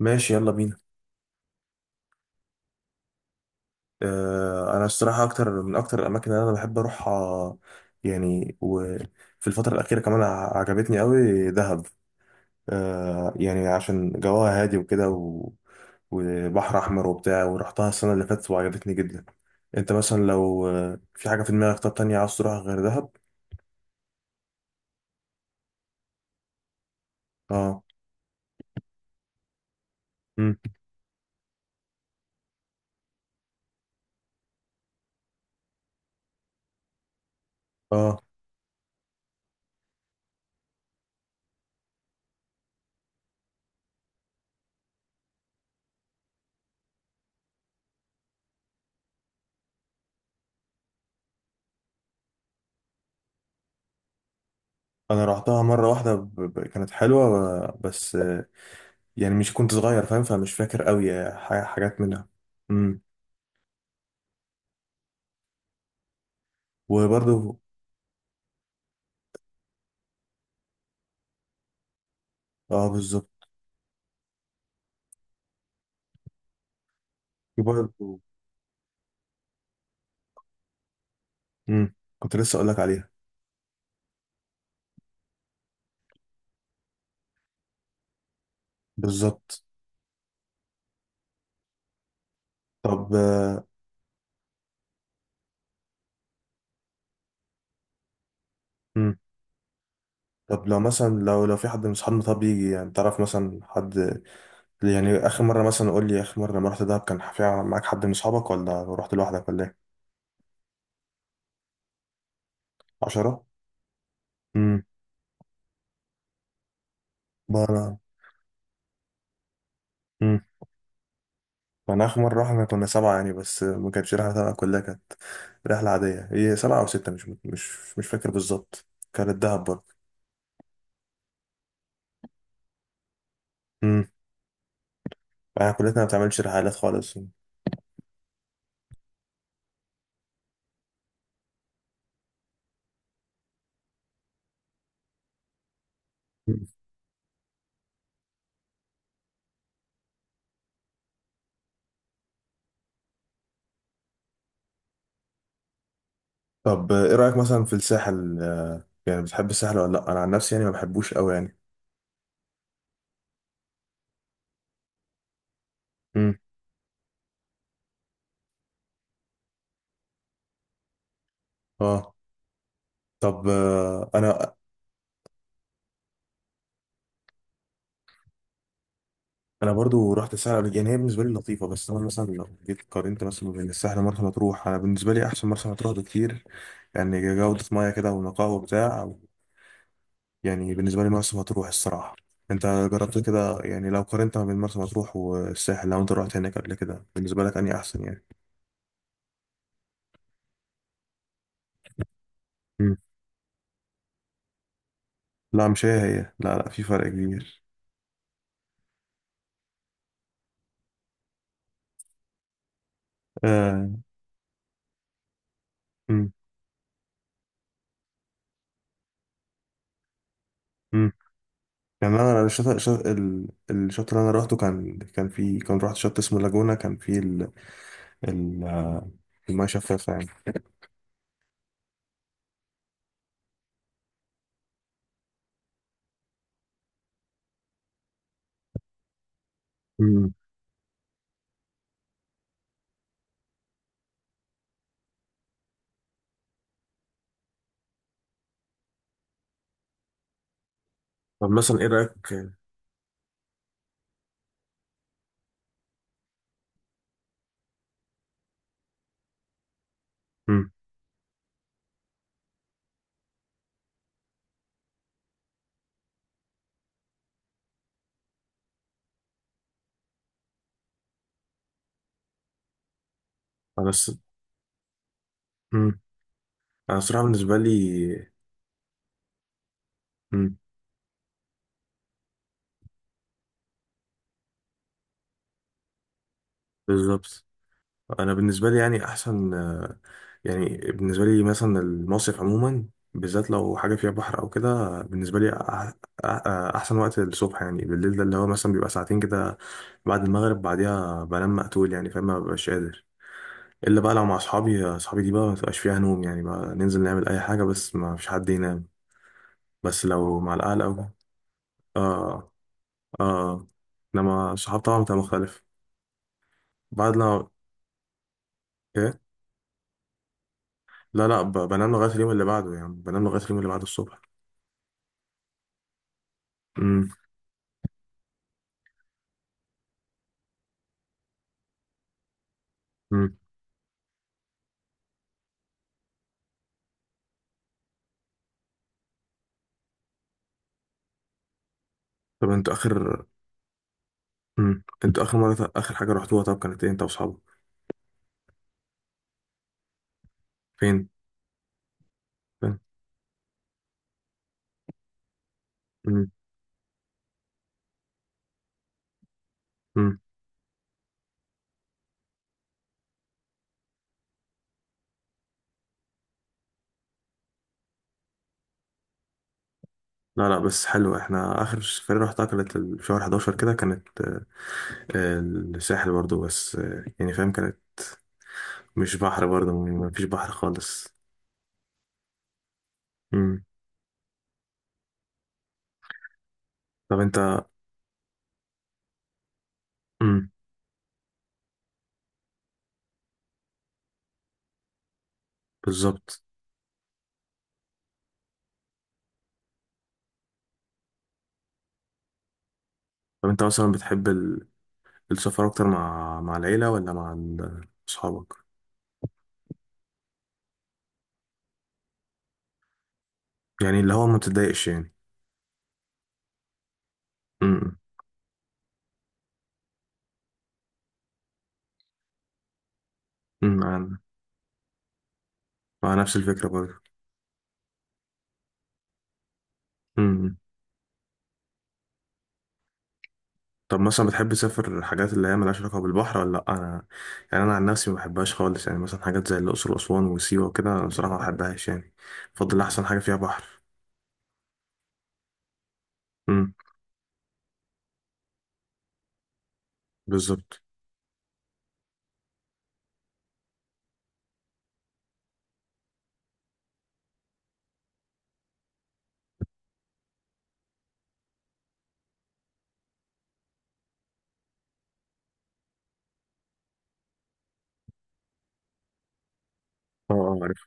ماشي، يلا بينا. انا الصراحه، اكتر من اكتر الاماكن اللي انا بحب اروحها. يعني، وفي الفتره الاخيره كمان عجبتني قوي دهب. يعني عشان جواها هادي وكده و... وبحر احمر وبتاع، ورحتها السنه اللي فاتت وعجبتني جدا. انت مثلا لو في حاجه في دماغك، طب تانية عاوز تروحها غير دهب؟ اه، امم، اه. انا رحتها مره واحده، كانت حلوه. بس يعني مش كنت صغير، فاهم، فمش فاكر قوي حاجات منها. امم، وبرضه. اه، بالظبط. في برضه. امم، كنت لسه اقول لك عليها. بالظبط. طب. امم. طب لو مثلا، لو في حد من اصحابنا، طب يجي، يعني تعرف مثلا حد؟ يعني اخر مره مثلا، قول لي اخر مره لما رحت دهب كان في معاك حد من اصحابك، ولا رحت لوحدك، ولا ايه؟ 10. امم انا امم انا اخر مره رحنا كنا سبعه، يعني، بس ما كانتش رحله تبع كلها، كانت رحله عاديه، هي سبعه او سته، مش فاكر بالظبط، كانت دهب برضه. امم. احنا كلتنا ما بتعملش رحلات خالص. طب ايه رأيك مثلا في الساحل؟ يعني بتحب الساحل ولا لا؟ انا عن نفسي يعني ما بحبوش قوي يعني. امم. اه. طب انا برضو رحت الساحل يعني هي بالنسبه لي لطيفه. بس انا مثلا لو جيت قارنت مثلا بين الساحل ومرسى مطروح، انا بالنسبه لي احسن مرسى مطروح بكتير، يعني جوده ميه كده ونقاء وبتاع. يعني بالنسبه لي مرسى مطروح الصراحه. انت جربت كده؟ يعني لو قارنت ما بين مرسى مطروح والساحل، لو انت رحت هناك قبل كده، بالنسبه لك اني احسن يعني؟ امم. لا، مش هي هي، لا لا، في فرق كبير. آه. مم. مم. كمان انا الشط اللي انا روحته، كان رحت شط اسمه لاجونا، كان فيه ال ال آه، الميه شفافه يعني. مم. طب مثلا ايه رأيك؟ مم. انا مم. الصراحة بالنسبة لي. مم. بالظبط. انا بالنسبة لي يعني احسن، يعني بالنسبة لي مثلا المصيف عموما، بالذات لو حاجة فيها بحر او كده، بالنسبة لي احسن وقت الصبح. يعني بالليل ده اللي هو مثلا بيبقى ساعتين كده بعد المغرب، بعديها بنام مقتول، يعني فاهم، مببقاش قادر. الا بقى لو مع اصحابي، اصحابي دي بقى ما تبقاش فيها نوم، يعني بقى ننزل نعمل اي حاجه بس ما فيش حد ينام. بس لو مع الاهل او... اه. اه. انما الصحاب طبعا بتبقى مختلف. بعد لما، ايه. لا لا، بنام لغايه اليوم اللي بعده، يعني بنام لغايه اليوم اللي بعده الصبح. امم. امم. طب انتوا اخر مره، اخر حاجه رحتوها طب كانت ايه انت واصحابك؟ فين؟ فين؟ امم. امم. لا لا، بس حلو. احنا اخر سفرية رحتها كانت في شهر 11 كده، كانت الساحل برضو. بس يعني فاهم كانت مش بحر، برضه مفيش بحر خالص. مم. طب انت، مم. بالظبط. طب انت مثلا بتحب السفر اكتر مع العيلة ولا مع اصحابك؟ يعني اللي هو ما بتضايقش يعني. مم. مم. انا مع نفس الفكرة برضه. مم. طب مثلا بتحب تسافر حاجات اللي هي ملهاش علاقة بالبحر ولا لأ؟ أنا، يعني أنا عن نفسي ما بحبهاش خالص، يعني مثلا حاجات زي الأقصر وأسوان وسيوة وكده، أنا بصراحة ما بحبهاش يعني. بفضل أحسن حاجة فيها بحر. مم. بالظبط. اه. اه، عارف.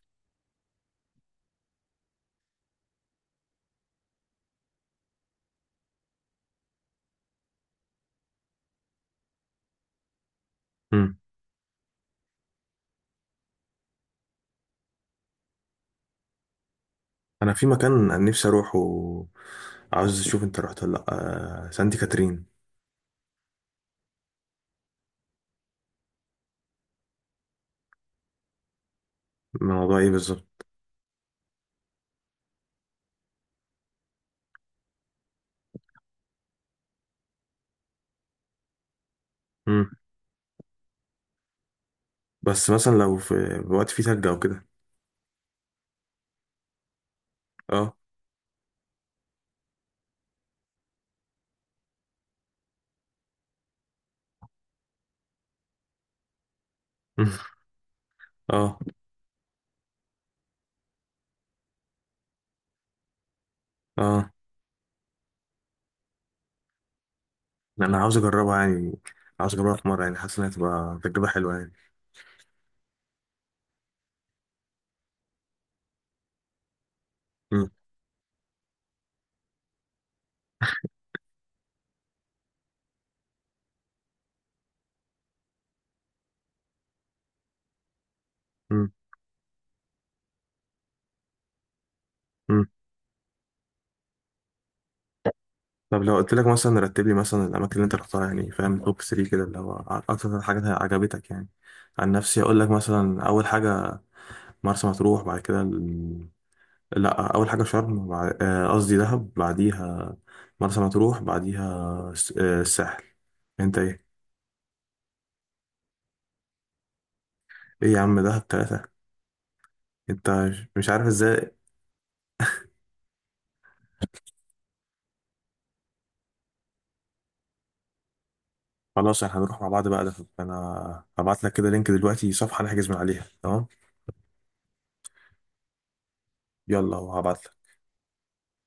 انا في مكان نفسي اروحه، عاوز اشوف انت رحت ولا لا، سانتي كاترين. الموضوع ايه بالظبط؟ مم. بس مثلا لو في وقت فيه تلج او كده. اه. مم. اه. اه، انا عاوز اجربها يعني. عاوز اجربها في مره، يعني حاسس انها تبقى تجربه حلوه يعني. مم. مم. مم. طب لو قلت لك مثلا رتب لي مثلا الاماكن اللي انت رحتها، يعني فاهم، توب 3 كده اللي هو اكتر حاجه عجبتك يعني. عن نفسي اقول لك مثلا اول حاجه مرسى مطروح، بعد كده، لا، اول حاجه شرم قصدي دهب، بعديها مرسى مطروح، بعديها الساحل. انت ايه؟ ايه يا عم، دهب ثلاثه؟ انت مش عارف ازاي. خلاص، احنا هنروح مع بعض بقى دهب. انا هبعت لك كده لينك دلوقتي، صفحه نحجز من عليها، تمام. يلا، وهبعت لك.